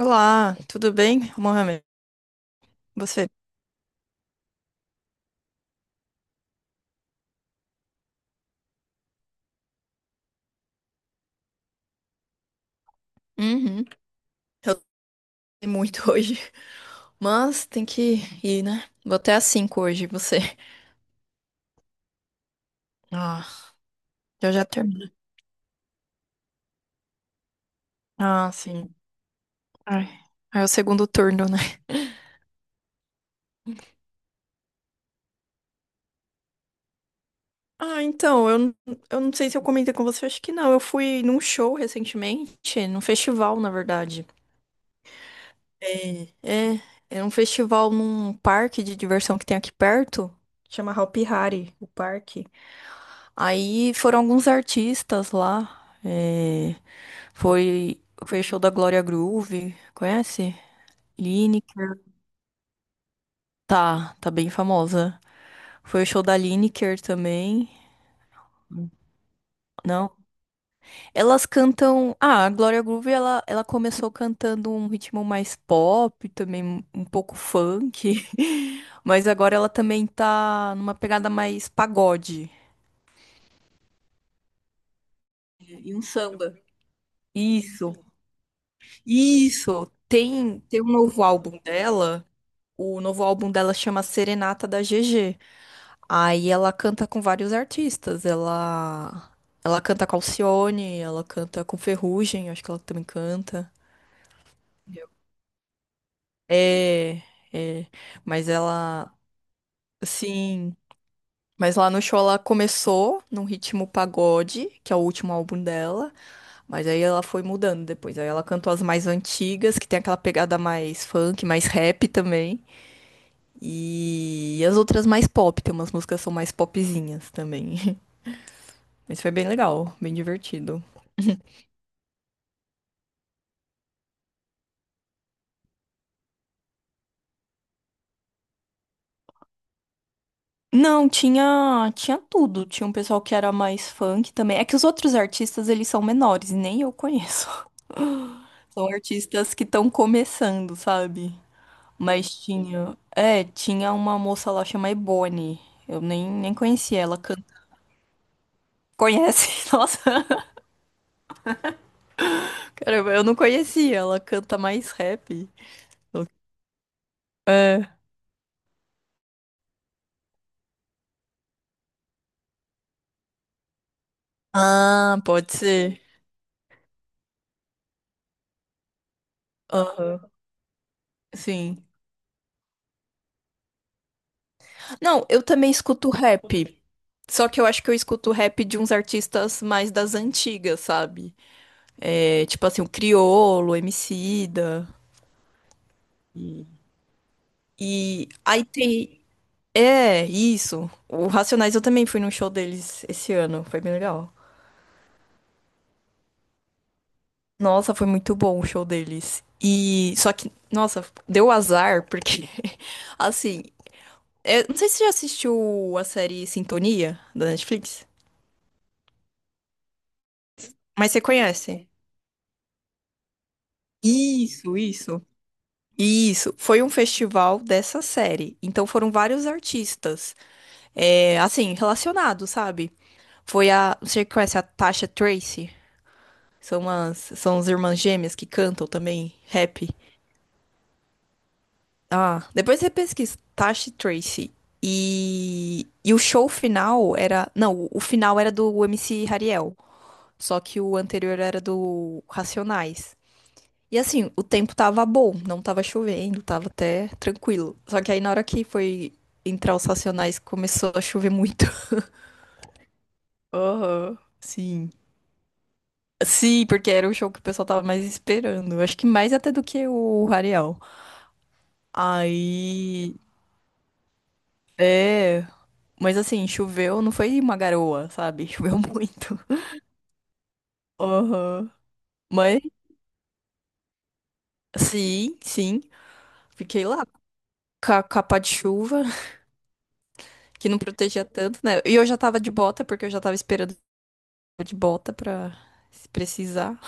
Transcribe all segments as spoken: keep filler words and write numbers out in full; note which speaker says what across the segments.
Speaker 1: Olá, tudo bem, Mohamed? Você? Uhum. Eu tô muito hoje, mas tem que ir, né? Vou até às cinco hoje, você? Ah, eu já terminei. Ah, sim. Ai, aí é o segundo turno, né? Ah, então, eu, n- eu não sei se eu comentei com você, acho que não. Eu fui num show recentemente, num festival, na verdade. É, é, é um festival num parque de diversão que tem aqui perto, chama Hopi Hari, o parque. Aí foram alguns artistas lá. é, foi, foi show da Glória Groove, conhece? Lineker. Tá, tá bem famosa. Foi o show da Lineker também. Não. Elas cantam. Ah, a Glória Groove ela, ela começou cantando um ritmo mais pop, também um pouco funk. Mas agora ela também tá numa pegada mais pagode. E um samba. Isso. Isso, tem, tem um novo álbum dela. O novo álbum dela chama Serenata da G G. Aí ela canta com vários artistas. Ela, ela canta com Alcione, ela canta com Ferrugem, acho que ela também canta. É, é, mas ela, sim. Mas lá no show ela começou num ritmo pagode, que é o último álbum dela. Mas aí ela foi mudando depois. Aí ela cantou as mais antigas, que tem aquela pegada mais funk, mais rap também. E as outras mais pop, tem umas músicas que são mais popzinhas também. Mas foi bem legal, bem divertido. Não, tinha, tinha tudo. Tinha um pessoal que era mais funk também. É que os outros artistas, eles são menores, e nem eu conheço. São artistas que estão começando, sabe? Mas tinha, é, tinha uma moça lá chamada Ebony. Eu nem, nem conhecia ela canta. Conhece? Nossa, caramba, eu não conhecia. Ela canta mais rap. É. Ah, pode ser. Aham. Sim. Não, eu também escuto rap. Só que eu acho que eu escuto rap de uns artistas mais das antigas, sabe? É, tipo assim, o Criolo, Emicida. E aí tem. É, isso. O Racionais eu também fui num show deles esse ano. Foi bem legal. Nossa, foi muito bom o show deles. E só que, nossa, deu azar, porque, assim, é, não sei se você já assistiu a série Sintonia da Netflix, mas você conhece. Isso, isso. E isso, foi um festival dessa série. Então foram vários artistas, é, assim, relacionados, sabe? Foi a. Você conhece a Tasha Tracy? São as, são as irmãs gêmeas que cantam também rap. Ah, depois você pesquisa Tasha Tracy. E, e o show final era. Não, o final era do M C Hariel. Só que o anterior era do Racionais. E assim, o tempo tava bom, não tava chovendo, tava até tranquilo. Só que aí na hora que foi entrar os Racionais, começou a chover muito. Aham, sim. Sim, porque era o show que o pessoal tava mais esperando. Acho que mais até do que o Rarial. Aí. É. Mas assim, choveu, não foi uma garoa, sabe? Choveu muito. Aham. Mas, sim, sim. Fiquei lá com a capa de chuva, que não protegia tanto, né? E eu já tava de bota, porque eu já tava esperando de bota pra se precisar.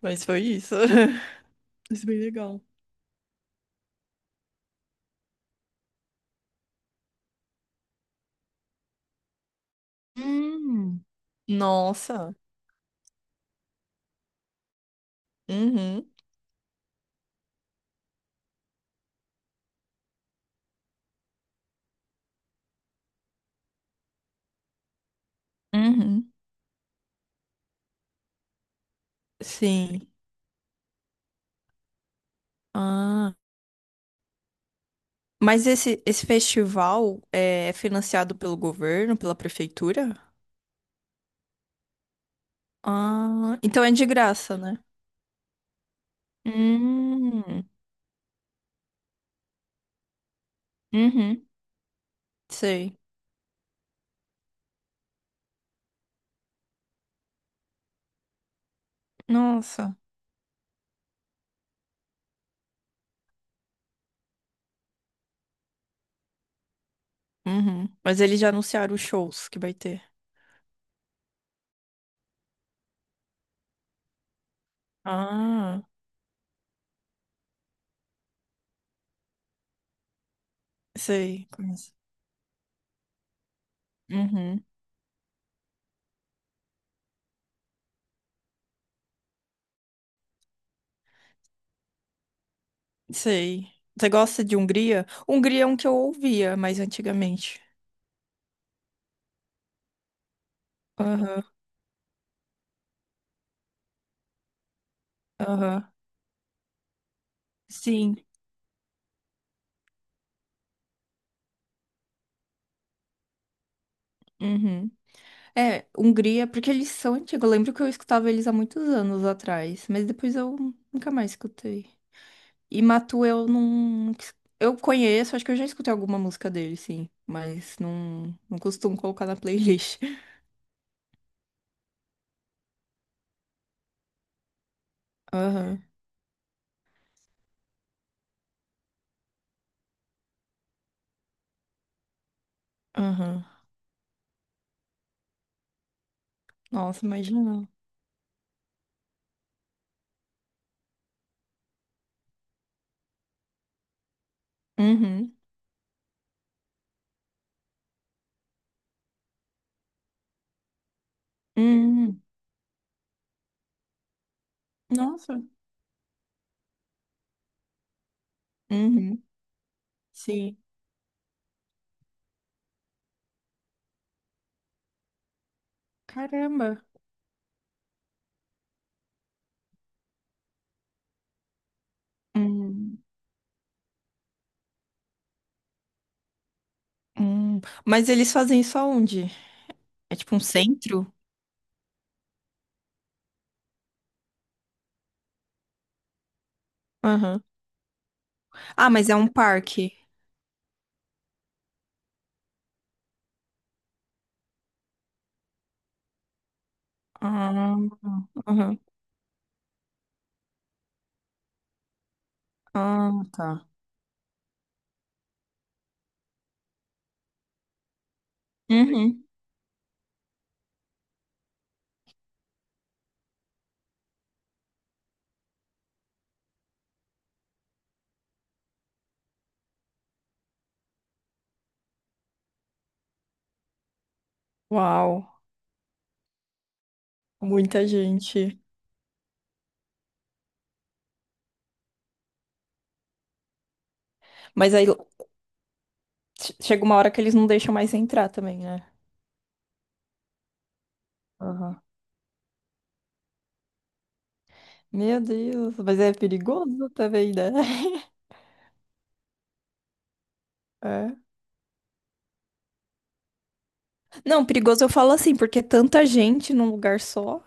Speaker 1: Mas foi isso. Isso é bem legal. Hum. Nossa. Uhum. Uhum. Sim. Ah. Mas esse, esse festival é financiado pelo governo, pela prefeitura? Ah, então é de graça, né? Hum. Uhum. Sei. Nossa. Uhum. Mas eles já anunciaram os shows que vai ter? Ah, sei. Conheço. Uhum. Sei. Você gosta de Hungria? Hungria é um que eu ouvia mais antigamente. Aham, aham. Sim. Uhum. É, Hungria, porque eles são antigos. Eu lembro que eu escutava eles há muitos anos atrás, mas depois eu nunca mais escutei. E Matu eu não. Eu conheço, acho que eu já escutei alguma música dele, sim, mas não, não costumo colocar na playlist. Aham, aham. Nossa, imagina. Uhum, uhum. Nossa. Uhum. Sim. Caramba. Hum, hum. Mas eles fazem isso aonde? É tipo um centro? Aham. Ah, mas é um parque. Ah, aham. Ah, tá. Uhum. Uau, muita gente. Mas aí che- chega uma hora que eles não deixam mais entrar também, né? Aham. Meu Deus, mas é perigoso também, né? É. Não, perigoso eu falo assim, porque é tanta gente num lugar só.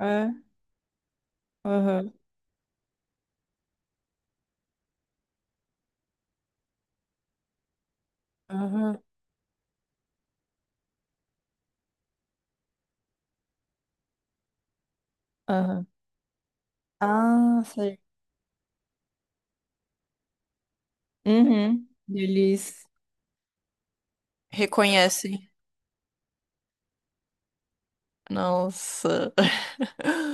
Speaker 1: É. Aham. Aham. Aham. Ah, sei. Uhum. Eles reconhecem. Nossa.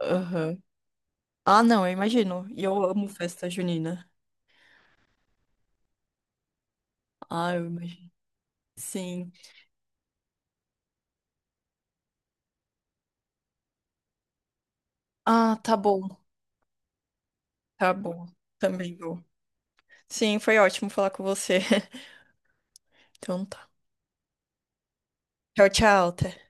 Speaker 1: Aham. Ah, não, eu imagino. E eu amo festa junina. Ah, eu imagino. Sim. Ah, tá bom. Tá bom. Também vou. Sim, foi ótimo falar com você. Então tá. Tchau, tchau. Até